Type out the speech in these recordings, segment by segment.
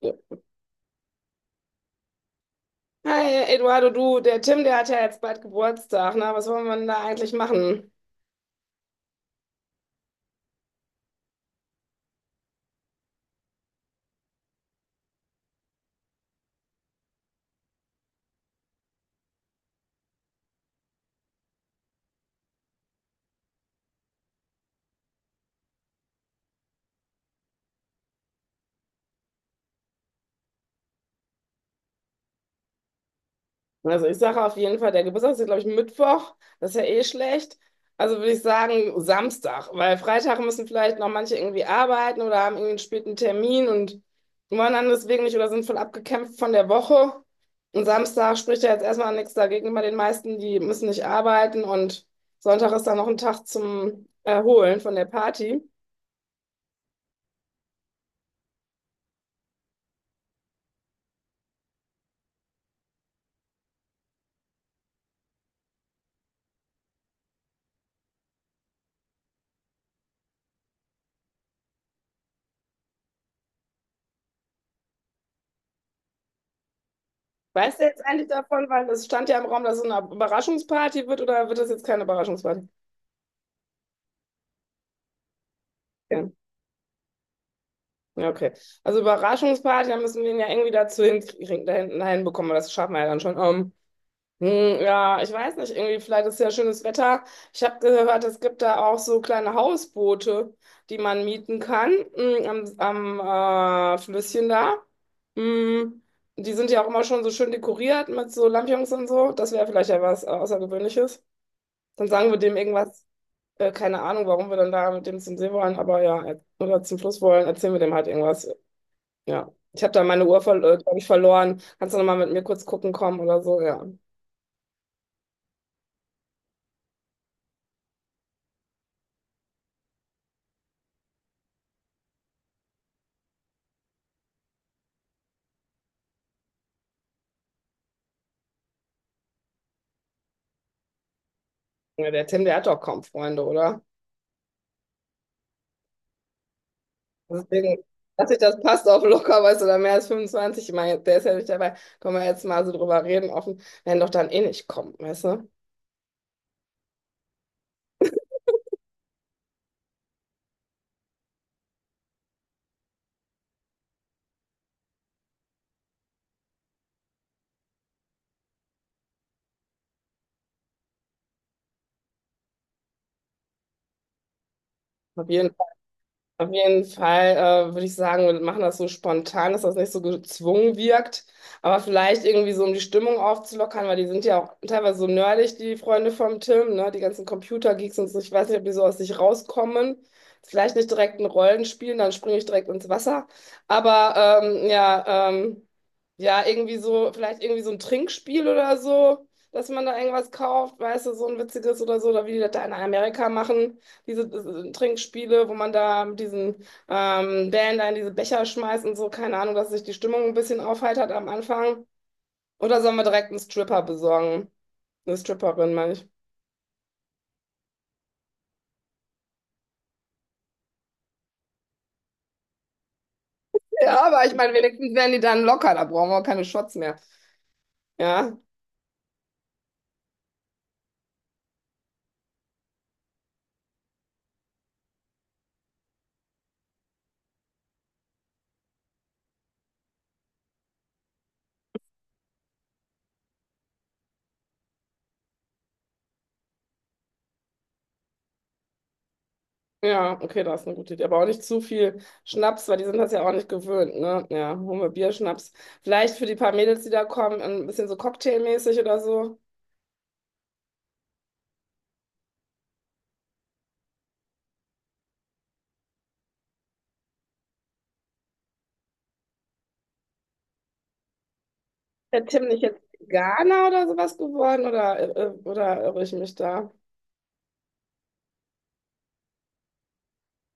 Ja. Hi, Eduardo, du, der Tim, der hat ja jetzt bald Geburtstag, ne? Was wollen wir denn da eigentlich machen? Also ich sage auf jeden Fall, der Geburtstag ist, glaube ich, Mittwoch. Das ist ja eh schlecht. Also würde ich sagen Samstag, weil Freitag müssen vielleicht noch manche irgendwie arbeiten oder haben irgendwie einen späten Termin und wollen dann deswegen nicht oder sind voll abgekämpft von der Woche. Und Samstag spricht ja jetzt erstmal nichts dagegen. Bei den meisten, die müssen nicht arbeiten, und Sonntag ist dann noch ein Tag zum Erholen von der Party. Weißt du jetzt eigentlich davon, weil es stand ja im Raum, dass es eine Überraschungsparty wird, oder wird das jetzt keine Überraschungsparty? Ja, ja, okay. Also Überraschungsparty, da müssen wir ihn ja irgendwie dazu hinkriegen, dahin bekommen, aber das schaffen wir ja dann schon. Ja, ich weiß nicht, irgendwie, vielleicht ist ja schönes Wetter. Ich habe gehört, es gibt da auch so kleine Hausboote, die man mieten kann, am Flüsschen da. Hm, die sind ja auch immer schon so schön dekoriert mit so Lampions und so. Das wäre vielleicht ja was Außergewöhnliches. Dann sagen wir dem irgendwas. Keine Ahnung, warum wir dann da mit dem zum See wollen, aber ja, oder zum Fluss wollen, erzählen wir dem halt irgendwas. Ja. Ich habe da meine Uhr, glaube ich, verloren. Kannst du nochmal mit mir kurz gucken kommen oder so? Ja. Ja, der Tim, der hat doch kaum Freunde, oder? Deswegen, dass sich das passt, auf locker, weißt du, oder mehr als 25. Ich meine, der ist ja nicht dabei. Können wir jetzt mal so drüber reden, offen. Werden doch dann eh nicht kommen, weißt du? Auf jeden Auf jeden Fall würde ich sagen, wir machen das so spontan, dass das nicht so gezwungen wirkt, aber vielleicht irgendwie so, um die Stimmung aufzulockern, weil die sind ja auch teilweise so nerdig, die Freunde vom Tim, ne? Die ganzen Computergeeks und so. Ich weiß nicht, ob die so aus sich rauskommen. Vielleicht nicht direkt ein Rollenspiel, dann springe ich direkt ins Wasser. Aber ja, ja, irgendwie so, vielleicht irgendwie so ein Trinkspiel oder so, dass man da irgendwas kauft, weißt du, so ein witziges oder so, oder wie die das da in Amerika machen, diese Trinkspiele, wo man da mit diesen Bällen da in diese Becher schmeißt und so, keine Ahnung, dass sich die Stimmung ein bisschen aufheitert am Anfang. Oder sollen wir direkt einen Stripper besorgen? Eine Stripperin, meine ich. Ja, aber ich meine, wenigstens werden die dann locker, da brauchen wir auch keine Shots mehr. Ja, ja, okay, das ist eine gute Idee. Aber auch nicht zu viel Schnaps, weil die sind das ja auch nicht gewöhnt, ne? Ja, holen wir Bier, Schnaps. Vielleicht für die paar Mädels, die da kommen, ein bisschen so cocktailmäßig oder so. Der Tim nicht jetzt Veganer oder sowas geworden oder irre ich mich da?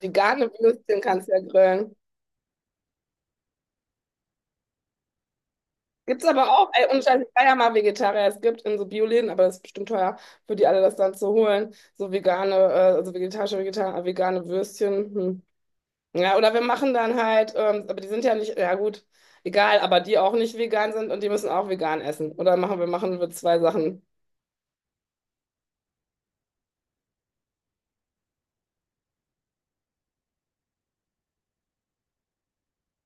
Vegane Würstchen kannst du ja grillen. Gibt's aber auch, ey, und ich war ja mal Vegetarier, es gibt in so Bioläden, aber das ist bestimmt teuer für die alle, das dann zu holen. So vegane, also vegetarische, vegane Würstchen. Hm. Ja, oder wir machen dann halt, aber die sind ja nicht, ja gut, egal, aber die auch nicht vegan sind und die müssen auch vegan essen. Oder machen wir zwei Sachen.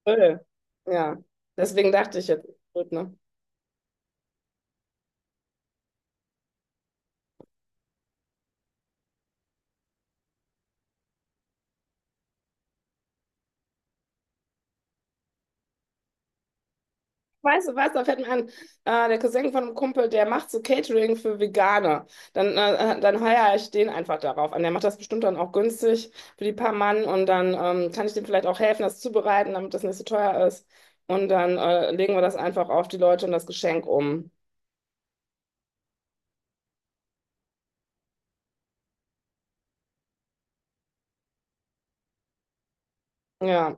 Grill. Ja, deswegen dachte ich jetzt, gut, ne? Weißt du, da fällt mir ein, der Cousin von einem Kumpel, der macht so Catering für Veganer. Dann, dann heuer ich den einfach darauf an. Der macht das bestimmt dann auch günstig für die paar Mann und dann kann ich dem vielleicht auch helfen, das zubereiten, damit das nicht so teuer ist. Und dann legen wir das einfach auf die Leute und das Geschenk um. Ja,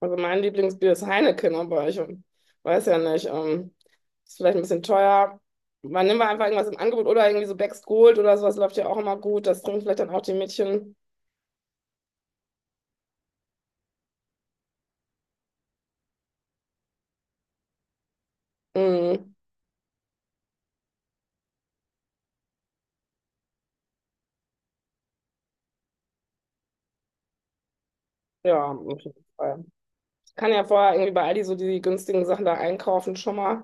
also mein Lieblingsbier ist Heineken, aber ich weiß ja nicht, ist vielleicht ein bisschen teuer. Man nimmt einfach irgendwas im Angebot oder irgendwie so Beck's Gold oder sowas, läuft ja auch immer gut. Das trinken vielleicht dann auch die Mädchen. Mm. Ja, auf jeden Fall. Ich kann ja vorher irgendwie bei Aldi so die günstigen Sachen da einkaufen schon mal.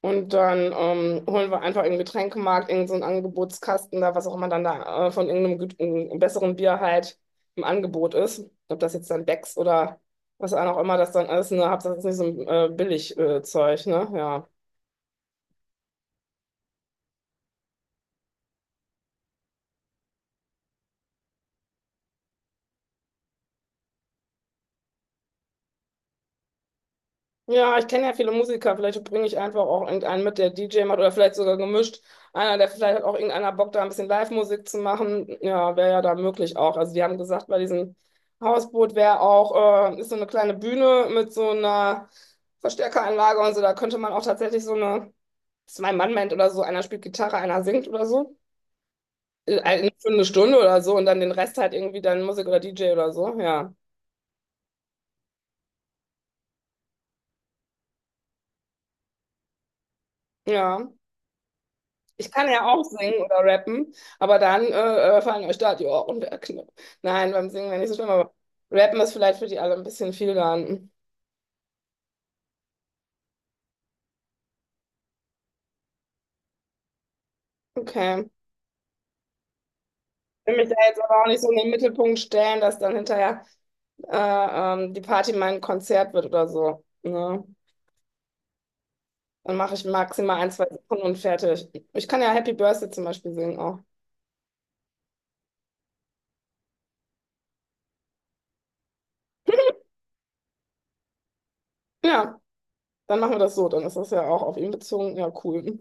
Und dann holen wir einfach im Getränkemarkt irgend so einen Angebotskasten da, was auch immer dann da von irgendeinem gut, einem besseren Bier halt im Angebot ist. Ob das jetzt dann Becks oder was auch immer das dann ist, ne? Hauptsache, das ist nicht so ein Billig-Zeug, ne? Ja. Ja, ich kenne ja viele Musiker. Vielleicht bringe ich einfach auch irgendeinen mit, der DJ macht oder vielleicht sogar gemischt. Einer, der vielleicht, hat auch irgendeiner Bock, da ein bisschen Live-Musik zu machen. Ja, wäre ja da möglich auch. Also die haben gesagt, bei diesem Hausboot wäre auch, ist so eine kleine Bühne mit so einer Verstärkeranlage und so. Da könnte man auch tatsächlich so eine Zwei-Mann-Band oder so. Einer spielt Gitarre, einer singt oder so. Für eine Stunde oder so und dann den Rest halt irgendwie dann Musik oder DJ oder so. Ja. Ja. Ich kann ja auch singen oder rappen, aber dann fallen euch da die Ohren weg. Ne? Nein, beim Singen wäre nicht so schlimm, aber rappen ist vielleicht für die alle ein bisschen viel dann. Okay. Ich will mich da jetzt aber auch nicht so in den Mittelpunkt stellen, dass dann hinterher die Party mein Konzert wird oder so. Ne? Dann mache ich maximal ein, zwei Sachen und fertig. Ich kann ja Happy Birthday zum Beispiel singen auch. Ja, dann machen wir das so. Dann ist das ja auch auf ihn bezogen. Ja, cool.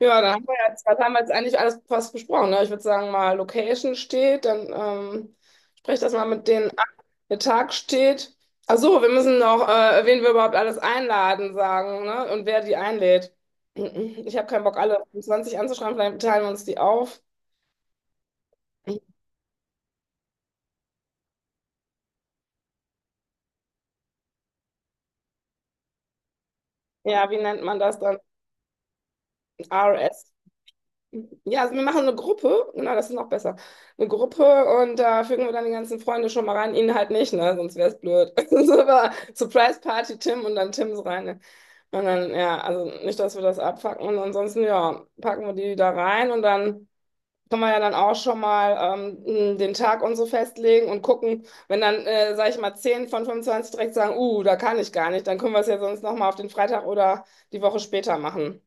Ja, da haben wir ja jetzt, was haben wir jetzt eigentlich alles fast besprochen, ne? Ich würde sagen, mal Location steht, dann sprech das mal mit denen ab. Der Tag steht. Ach so, wir müssen noch, wen wir überhaupt alles einladen, sagen, ne? Und wer die einlädt. Ich habe keinen Bock, alle 20 anzuschreiben, vielleicht teilen wir uns die auf. Ja, wie nennt man das dann? Ja, also wir machen eine Gruppe, genau, das ist noch besser. Eine Gruppe, und da fügen wir dann die ganzen Freunde schon mal rein, ihn halt nicht, ne? Sonst wäre es blöd. So, aber Surprise Party Tim, und dann Tims rein. Ne? Und dann, ja, also nicht, dass wir das abfacken, und ansonsten, ja, packen wir die da rein und dann können wir ja dann auch schon mal den Tag und so festlegen und gucken, wenn dann, sag ich mal, 10 von 25 direkt sagen, da kann ich gar nicht, dann können wir es ja sonst nochmal auf den Freitag oder die Woche später machen.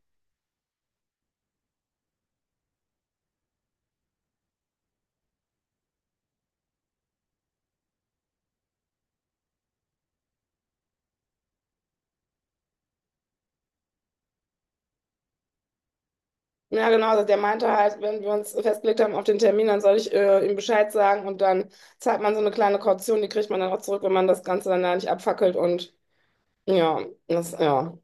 Ja, genau, also der meinte halt, wenn wir uns festgelegt haben auf den Termin, dann soll ich ihm Bescheid sagen und dann zahlt man so eine kleine Kaution, die kriegt man dann auch zurück, wenn man das Ganze dann da nicht abfackelt und ja,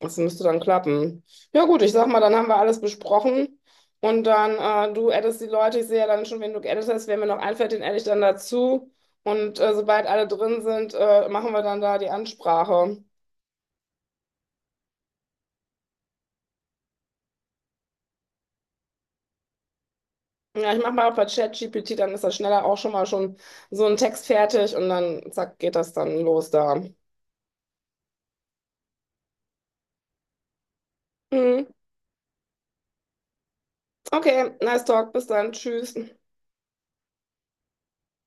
das müsste dann klappen. Ja gut, ich sag mal, dann haben wir alles besprochen und dann, du addest die Leute, ich sehe ja dann schon, wen du geaddet hast, wer mir noch einfällt, den adde ich dann dazu und sobald alle drin sind, machen wir dann da die Ansprache. Ja, ich mache mal bei ChatGPT, dann ist das schneller auch schon mal schon so ein Text fertig und dann zack, geht das dann los da. Mhm. Okay, nice talk, bis dann, tschüss.